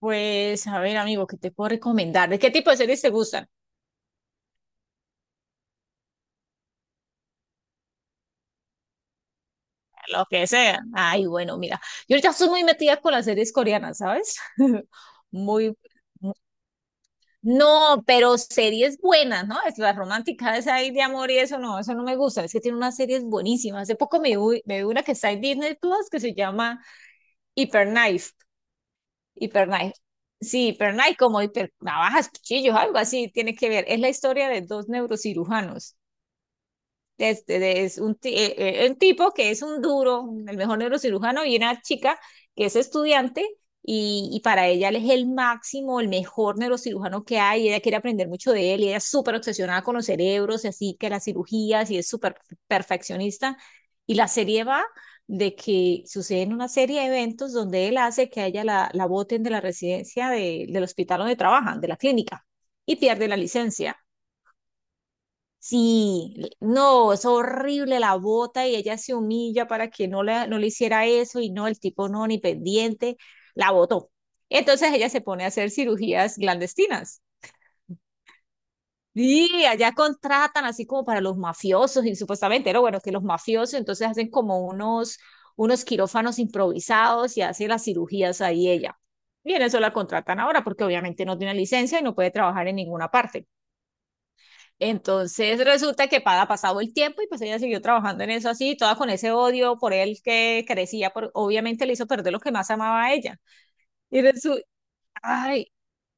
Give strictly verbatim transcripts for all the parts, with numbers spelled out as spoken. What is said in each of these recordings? Pues, a ver, amigo, ¿qué te puedo recomendar? ¿De qué tipo de series te gustan? Lo que sea. Ay, bueno, mira, yo ahorita estoy muy metida con las series coreanas, ¿sabes? Muy, no, pero series buenas, ¿no? Es la romántica esa ahí de amor y eso no, eso no me gusta. Es que tiene unas series buenísimas. Hace poco me vi, me vi una que está en Disney Plus que se llama Hyperknife. Hyperknife. Sí, Hyperknife, como hiper navajas, cuchillos, algo así, tiene que ver. Es la historia de dos neurocirujanos. Este, de- es un, ti- eh, eh, un tipo que es un duro, el mejor neurocirujano, y una chica que es estudiante y, y para ella él es el máximo, el mejor neurocirujano que hay, y ella quiere aprender mucho de él, y ella es súper obsesionada con los cerebros, y así que las cirugías, y es súper perfeccionista. Y la serie va de que suceden una serie de eventos donde él hace que a ella la, la boten de la residencia de, del hospital donde trabajan, de la clínica, y pierde la licencia. Sí, le- no, es horrible, la bota y ella se humilla para que no le, no le hiciera eso y no, el tipo no, ni pendiente, la botó. Entonces ella se pone a hacer cirugías clandestinas. Y allá contratan así como para los mafiosos y supuestamente, pero bueno, que los mafiosos entonces hacen como unos, unos quirófanos improvisados y hace las cirugías ahí ella. Y en eso la contratan ahora porque obviamente no tiene licencia y no puede trabajar en ninguna parte. Entonces resulta que para pasado el tiempo y pues ella siguió trabajando en eso así, toda con ese odio por él que crecía, por, obviamente le hizo perder lo que más amaba a ella. Y, resu ay,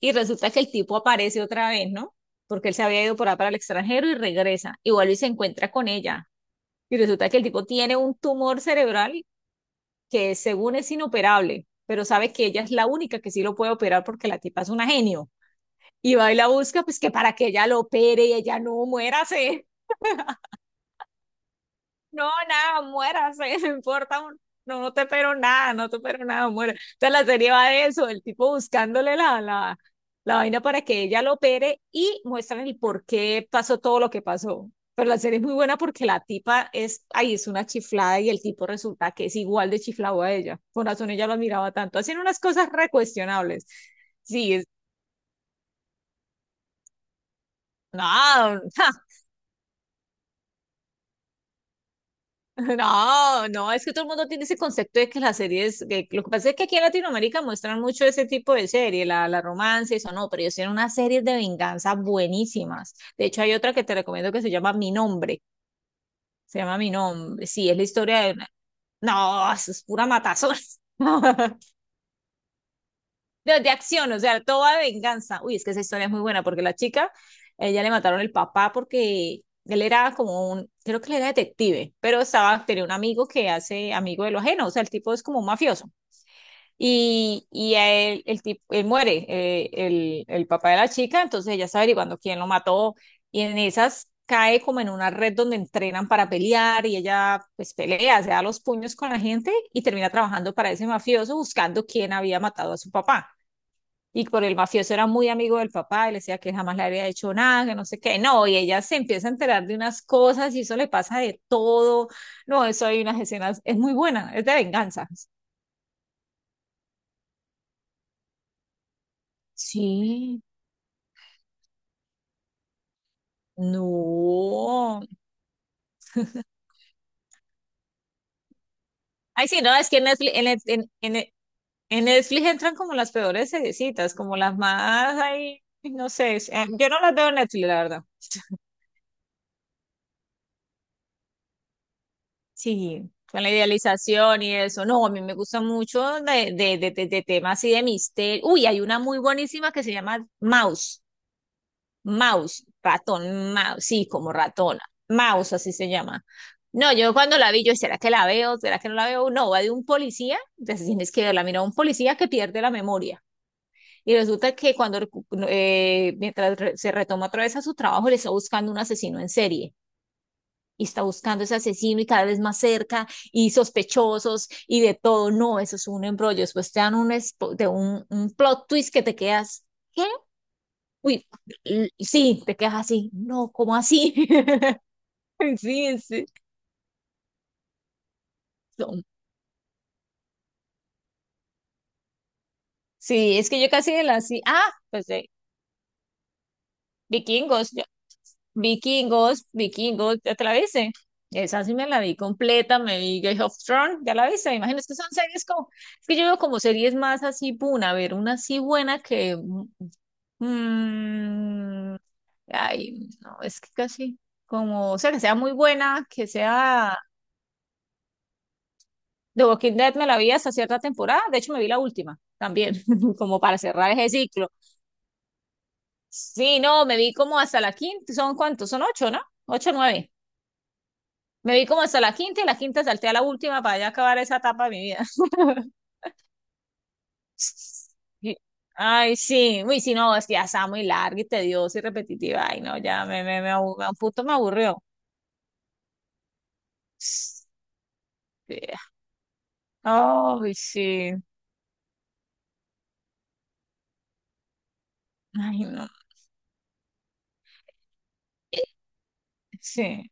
y resulta que el tipo aparece otra vez, ¿no? Porque él se había ido por ahí para el extranjero y regresa, y vuelve y se encuentra con ella. Y resulta que el tipo tiene un tumor cerebral que según es inoperable, pero sabe que ella es la única que sí lo puede operar porque la tipa es una genio. Y va y la busca, pues que para que ella lo opere y ella no, muérase. No, nada, muérase, no importa, un- no, no te espero nada, no te espero nada, muera. Entonces la serie va de eso, el tipo buscándole la, la, la vaina para que ella lo opere y muestran el por qué pasó todo lo que pasó. Pero la serie es muy buena porque la tipa es, ahí es una chiflada y el tipo resulta que es igual de chiflado a ella. Por razón ella lo admiraba tanto. Hacen unas cosas recuestionables. Sí, es, no, no, no, es que todo el mundo tiene ese concepto de que las series, que lo que pasa es que aquí en Latinoamérica muestran mucho ese tipo de serie, la, la romance, y eso no, pero ellos tienen unas series de venganza buenísimas. De hecho, hay otra que te recomiendo que se llama Mi Nombre, se llama Mi Nombre, sí, es la historia de una... No, eso es pura matazón. de, de acción, o sea, toda venganza. Uy, es que esa historia es muy buena porque la chica, ella, le mataron el papá porque él era como un, creo que él era detective, pero estaba, tenía un amigo que hace amigo de lo ajeno, o sea, el tipo es como un mafioso. Y, y a él, el tipo, él muere, eh, el, el papá de la chica, entonces ella está averiguando quién lo mató y en esas cae como en una red donde entrenan para pelear y ella pues pelea, se da los puños con la gente y termina trabajando para ese mafioso buscando quién había matado a su papá. Y por el mafioso era muy amigo del papá y le decía que jamás le había hecho nada, que no sé qué. No, y ella se empieza a enterar de unas cosas y eso, le pasa de todo. No, eso hay unas escenas, es muy buena, es de venganza. Sí. No. Ay, sí, no, es que en Netflix, en, Net- en, en- en Netflix entran como las peores seriecitas, como las más ahí, no sé, es- eh, yo no las veo en Netflix, la verdad. Sí, con la idealización y eso. No, a mí me gusta mucho de, de, de, de- de temas y de misterio. Uy, hay una muy buenísima que se llama Mouse. Mouse, ratón, mouse, sí, como ratona. Mouse, así se llama. No, yo cuando la vi, yo, ¿será que la veo? ¿Será que no la veo? No, va de un policía, entonces tienes que verla. Mira, un policía que pierde la memoria. Y resulta que cuando, recu- eh, mientras re- se retoma otra vez a su trabajo, le está buscando un asesino en serie y está buscando ese asesino y cada vez más cerca, y sospechosos y de todo. No, eso es un embrollo. Después te dan un, de un, un plot twist que te quedas. ¿Qué? Uy, sí, te quedas así. No, ¿cómo así? Sí, sí. Son- Sí, es que yo casi de la sí. Ah, pues de vikingos, yo- vikingos, vikingos, ya te la viste. Esa sí me la vi completa, me vi Game of Thrones, ya la viste. Imagino, es que son series como, es que yo veo como series más así, puna, a ver, una así buena que Mm, ay, no, es que casi como, o sea, que sea muy buena, que sea... The Walking Dead me la vi hasta cierta temporada, de hecho me vi la última también, como para cerrar ese ciclo. Sí, no, me vi como hasta la quinta, ¿son cuántos? Son ocho, ¿no? Ocho, nueve. Me vi como hasta la quinta y la quinta salté a la última para ya acabar esa etapa de mi vida. Y- Ay, sí, uy, sí, no, es que ya está muy larga y tediosa y repetitiva. Ay, no, ya me, me, me abu- a un punto me aburrió. Sí, ay, sí. Ay, no. Sí.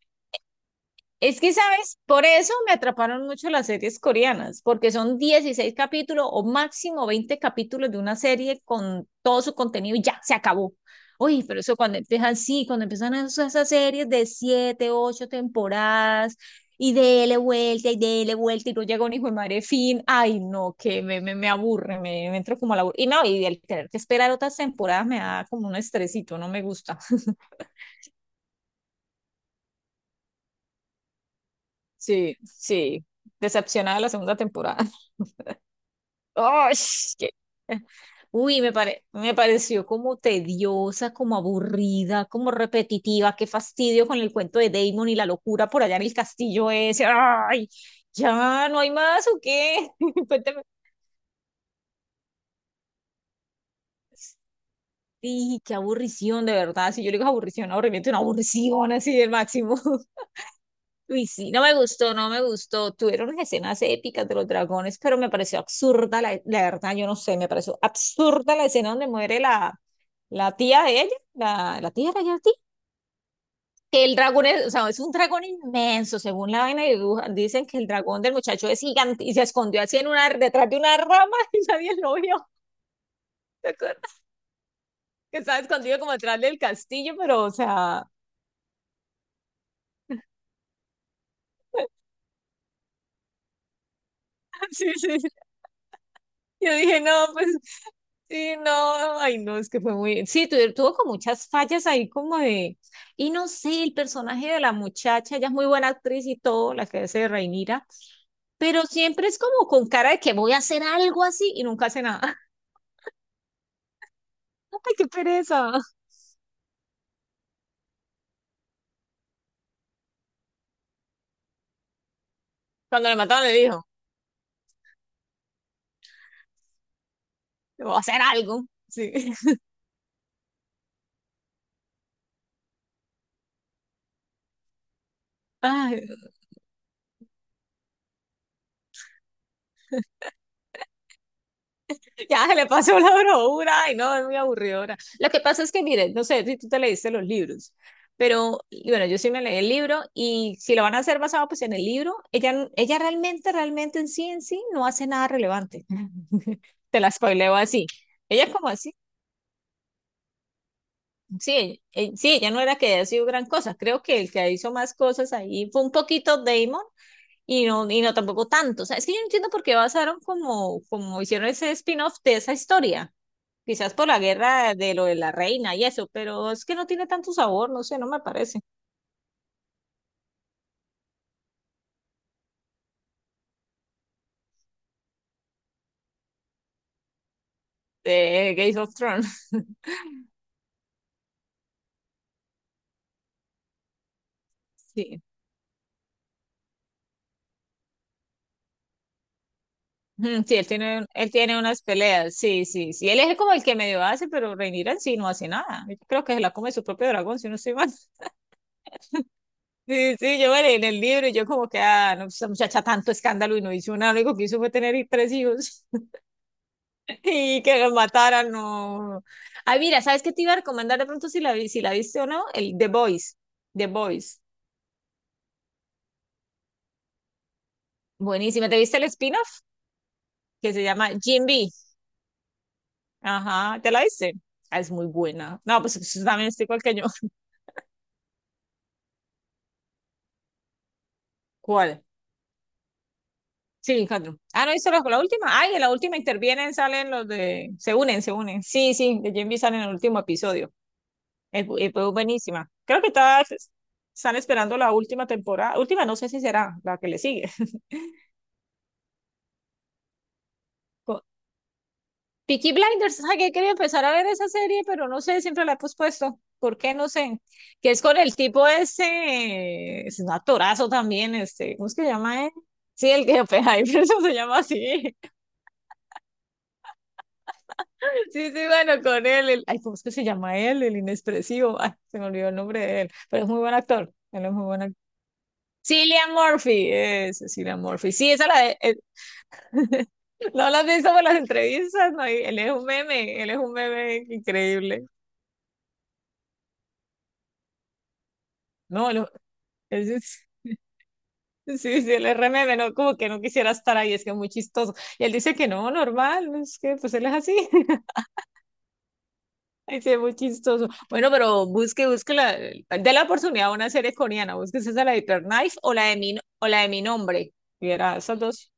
Es que, ¿sabes? Por eso me atraparon mucho las series coreanas, porque son dieciséis capítulos o máximo veinte capítulos de una serie con todo su contenido y ya, se acabó. Uy, pero eso cuando empiezan, sí, cuando empiezan esas, esas series de siete ocho temporadas y dele vuelta y dele vuelta y no llega un hijo de madre fin. Ay, no, que me, me, me aburre, me, me entro como a la... Y no, y el tener que esperar otras temporadas me da como un estresito, no me gusta. Sí, sí. Decepcionada de la segunda temporada. ¡Ay! qué- Uy, me pare- me pareció como tediosa, como aburrida, como repetitiva. Qué fastidio con el cuento de Damon y la locura por allá en el castillo ese. ¡Ay! ¿Ya no hay más o qué? Cuéntame. Sí, qué aburrición, de verdad. Si yo le digo, aburrición, aburrimiento, una aburrición así del máximo. Uy, sí, no me gustó, no me gustó. Tuvieron unas escenas épicas de los dragones, pero me pareció absurda, la, la verdad, yo no sé, me pareció absurda la escena donde muere la, la tía de ella, la, la tía de la tía. Que el dragón es, o sea, es un dragón inmenso, según la vaina de dibuja, dicen que el dragón del muchacho es gigante y se escondió así en una, detrás de una rama y nadie lo vio. ¿Te acuerdas? Que estaba escondido como detrás del castillo, pero, o sea, sí, sí, yo dije, no, pues sí, no, ay, no, es que fue muy, sí, tu- tuvo con muchas fallas ahí como de, y no sé, el personaje de la muchacha, ella es muy buena actriz y todo, la que hace de Reinira, pero siempre es como con cara de que voy a hacer algo así y nunca hace nada. Ay, qué pereza. Cuando le mataron, le dijo, voy a hacer algo. Sí. Ay, ya se le pasó la bravura, ay, no, es muy aburridora. Lo que pasa es que, mire, no sé si tú te leíste los libros, pero y bueno, yo sí me leí el libro y si lo van a hacer basado pues en el libro, ella, ella realmente, realmente en sí, en sí, no hace nada relevante. Te la spoileo así. Ella es como así, sí, eh, eh, sí, ella no era que haya sido gran cosa, creo que el que hizo más cosas ahí fue un poquito Damon y no, y no tampoco tanto. O sea, es que yo no entiendo por qué basaron como, como hicieron ese spin-off de esa historia. Quizás por la guerra de lo de la reina y eso, pero es que no tiene tanto sabor, no sé, no me parece. De Game of Thrones, sí. Ujú. Sí, él tiene, él tiene unas peleas, sí, sí, sí. Él es como el que medio hace, pero Rhaenyra en sí no hace nada. Yo creo que se la come su propio dragón, si no estoy mal. Sí, sí, yo me leí en el libro y yo como que, ah, no, esa muchacha tanto escándalo y no hizo nada, lo único que hizo fue tener tres hijos y que los mataran, no. Ay, mira, ¿sabes qué te iba a recomendar de pronto, si la, vi- si la viste o no? El The Boys, The Boys. Buenísima. ¿Te viste el spin-off que se llama Jim B? Ajá, ¿te la viste? Ah, es muy buena. No, pues pues, también estoy igual que yo. ¿Cuál? Sí, cuatro. Ah, ¿no viste la, la última? Ay, en la última intervienen, salen los de... Se unen, se unen. Sí, sí, de Jim B salen en el último episodio. Es, bu- es bu- buenísima. Creo que todas están esperando la última temporada. Última, no sé si será la que le sigue. Peaky Blinders, ay, ¿qué? Quería empezar a ver esa serie, pero no sé, siempre la he pospuesto. ¿Por qué? No sé. Que es con el tipo ese, es un actorazo también, este, ¿cómo es que se llama él? Sí, el que Oppenheimer, eso se llama así. Sí, sí, bueno, con él, el, ay, ¿cómo es que se llama él? El inexpresivo, ay, se me olvidó el nombre de él, pero es muy buen actor, él es muy buen actor. Cillian Murphy, es Cillian Murphy. Sí, esa la de, eh, no la has visto por las entrevistas, no, y él es un meme, él es un meme increíble. No, lo- ese es sí, sí, el R M M, no, como que no quisiera estar ahí, es que es muy chistoso. Y él dice que no, normal, es que pues él es así, es es muy chistoso. Bueno, pero busque, busque la, de la oportunidad a una serie coreana, búsquese esa, la de Hyperknife o la de mi, o la de mi nombre, y era esas dos.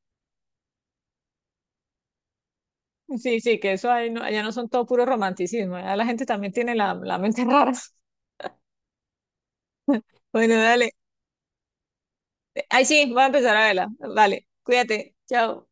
Sí, sí, que eso ahí no, allá no son todo puro romanticismo, allá la gente también tiene la, la mente rara. Bueno, dale, ay, sí, voy a empezar a verla, vale, cuídate, chao.